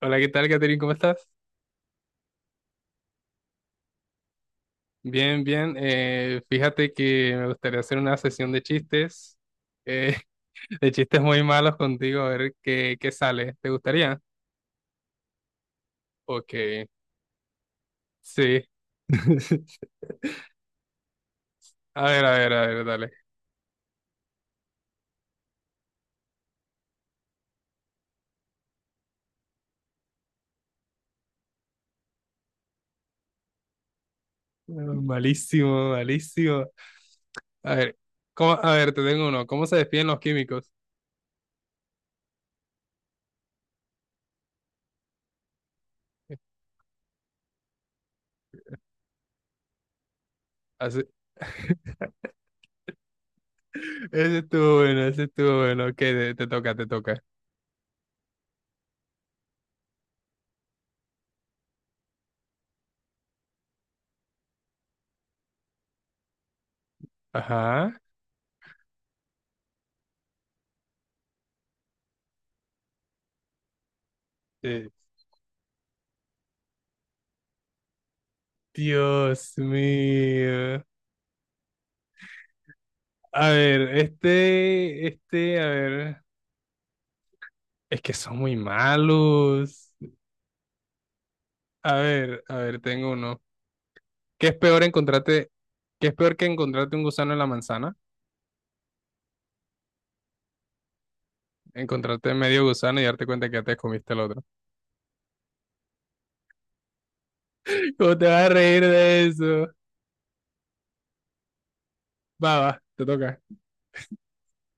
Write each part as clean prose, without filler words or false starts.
Hola, ¿qué tal, Catherine? ¿Cómo estás? Bien, bien. Fíjate que me gustaría hacer una sesión de chistes, eh, de chistes muy malos contigo, a ver qué sale. ¿Te gustaría? Ok, sí. A ver, a ver, a ver, dale. Mm, malísimo, malísimo. A ver, a ver, te tengo uno. ¿Cómo se despiden los químicos? Así- Ese estuvo bueno, ese estuvo bueno. Ok, te toca, te toca. Ajá. Eh, Dios mío. A ver, este, a ver, es que son muy malos. A ver, tengo uno. ¿Qué es peor encontrarte, ¿qué es peor que encontrarte un gusano en la manzana? Encontrarte medio gusano y darte cuenta que ya te comiste el otro. ¿Cómo te vas a reír de eso? Va, va, te toca,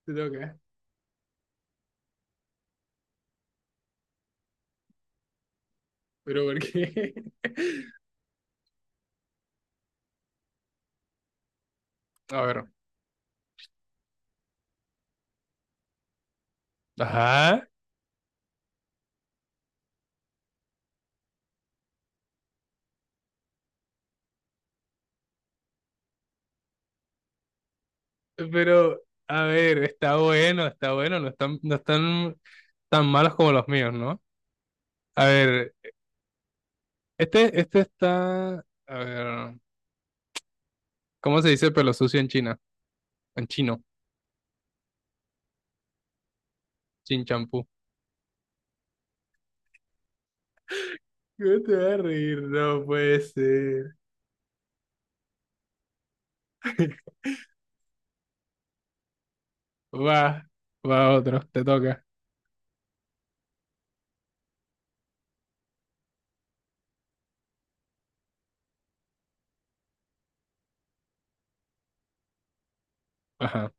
te toca. Pero ¿por qué? A ver. Ajá. Pero, a ver, está bueno, no están tan malos como los míos, ¿no? A ver, este está, a ver, ¿cómo se dice pelo sucio en China? En chino, chin champú. ¿Cómo te vas a reír? No puede ser. Va, va otro, te toca. Ajá,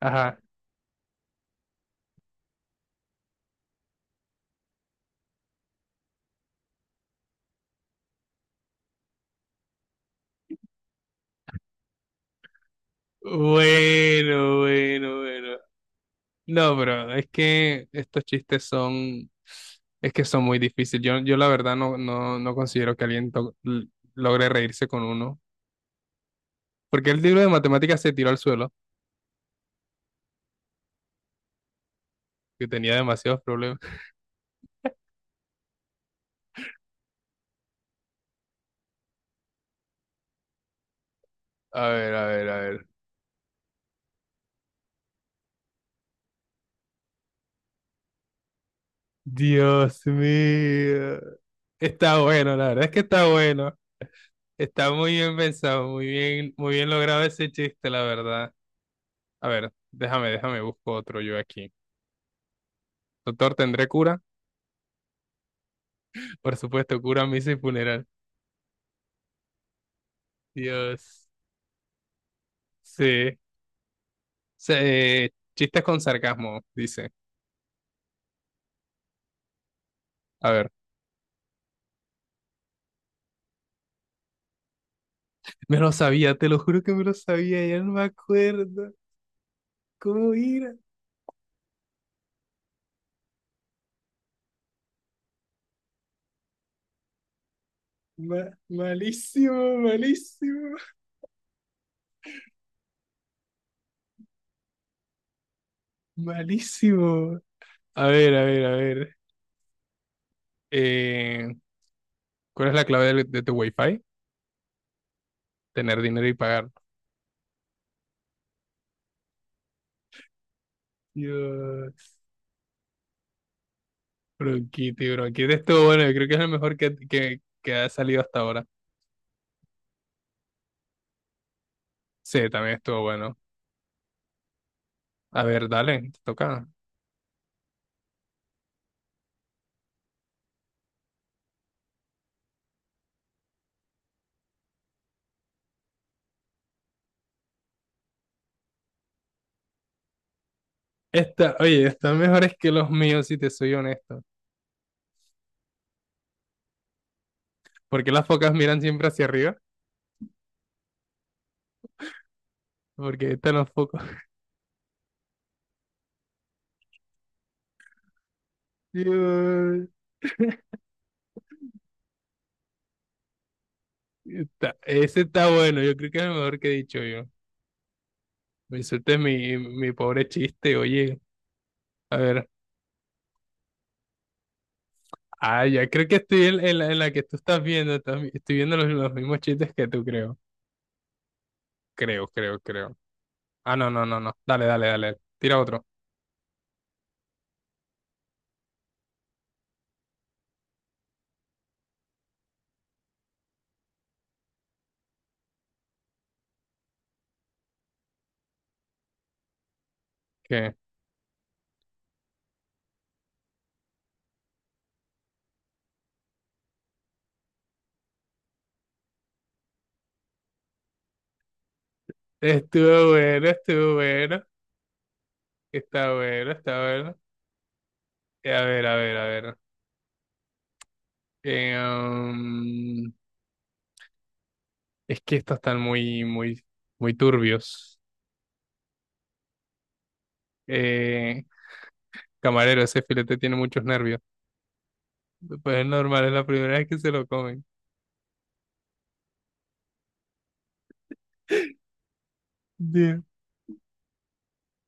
ajá. Bueno, bueno, bueno. No, bro, es que son muy difíciles. Yo la verdad no considero que alguien logre reírse con uno. Porque el libro de matemáticas se tiró al suelo, que tenía demasiados problemas. A ver, a ver, a ver. Dios mío. Está bueno, la verdad es que está bueno. Está muy bien pensado, muy bien logrado ese chiste, la verdad. A ver, déjame, busco otro yo aquí. Doctor, ¿tendré cura? Por supuesto, cura, misa y funeral. Dios. Sí. Chistes con sarcasmo, dice. A ver, me lo sabía, te lo juro que me lo sabía, ya no me acuerdo. ¿Cómo era? Malísimo, malísimo, malísimo. A ver, a ver, a ver. Eh, ¿Cuál es la clave de tu Wi-Fi? Tener dinero y pagar. Dios, bronquite, bronquite. Estuvo bueno, yo creo que es lo mejor que ha salido hasta ahora. Sí, también estuvo bueno. A ver, dale, te toca. Esta, oye, están mejores que los míos, si te soy honesto. ¿Por qué las focas miran siempre hacia arriba? Porque están los focos. Dios, ese está bueno, yo creo que es lo mejor que he dicho yo. Me insultes mi pobre chiste, oye. A ver. Ah, ya creo que estoy en la que tú estás viendo. Estoy viendo los mismos chistes que tú, creo. Creo, creo, creo. Ah, no, no, no, no. Dale, dale, dale. Tira otro. ¿Qué? Estuvo bueno, estuvo bueno. Está bueno, está bueno. A ver, a ver, a ver. Eh, um, es que estos están muy, muy, muy turbios. Eh, camarero, ese filete tiene muchos nervios. Pues es normal, es la primera vez que se lo comen.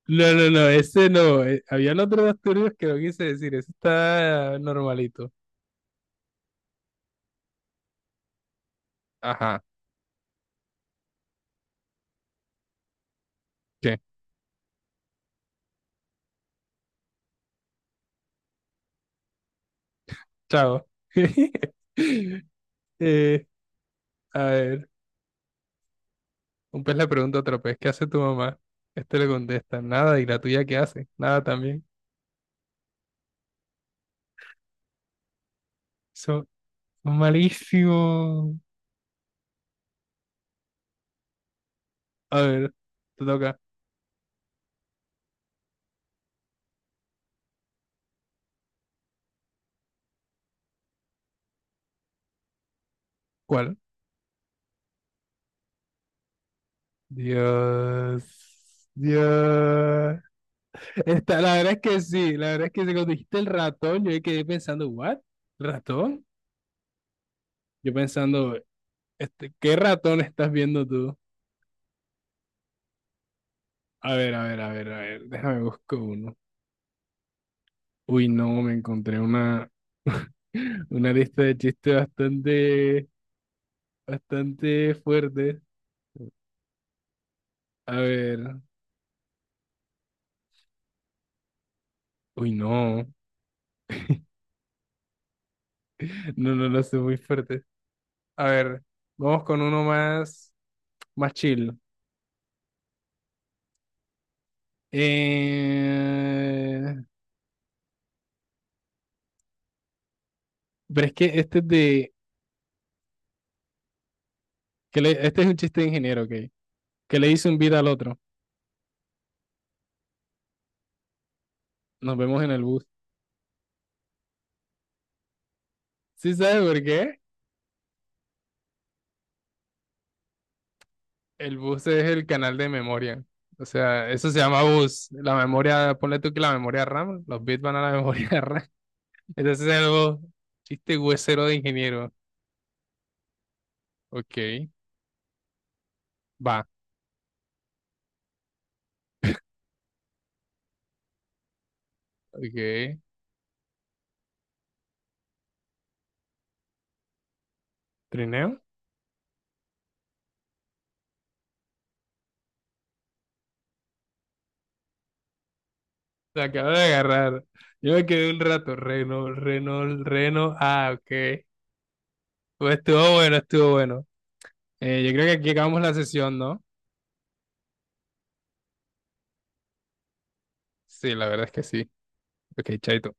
No, no, no, ese no. Habían otros dos turbios que no quise decir. Ese está normalito. Ajá. ¿Qué? Chao. Eh, a ver, un pez le pregunta a otro pez, ¿qué hace tu mamá? Este le contesta, nada. ¿Y la tuya qué hace? Nada también. Son malísimo. A ver, te toca. ¿Cuál? Dios. Dios. Está, la verdad es que sí, la verdad es que sí, cuando dijiste el ratón, yo ahí quedé pensando, ¿what? ¿Ratón? Yo pensando, este, ¿qué ratón estás viendo tú? A ver, a ver, a ver, a ver, déjame busco uno. Uy, no, me encontré una, una lista de chistes bastante, bastante fuerte. A ver, uy, no, no, no lo sé, muy fuerte. A ver, vamos con uno más, más chill. Eh, pero es que este es de, este es un chiste de ingeniero, ¿ok? Que le hizo un beat al otro. Nos vemos en el bus. ¿Sí sabes por qué? El bus es el canal de memoria. O sea, eso se llama bus. La memoria, ponle tú que la memoria RAM, los bits van a la memoria RAM. Entonces es el bus. Chiste huesero de ingeniero. Ok, va. Ok. Trineo. Se acaba de agarrar. Yo me quedé un rato. Reno, Reno, Reno. Ah, ok. Pues estuvo bueno, estuvo bueno. Yo creo que aquí acabamos la sesión, ¿no? Sí, la verdad es que sí. Ok, chaito.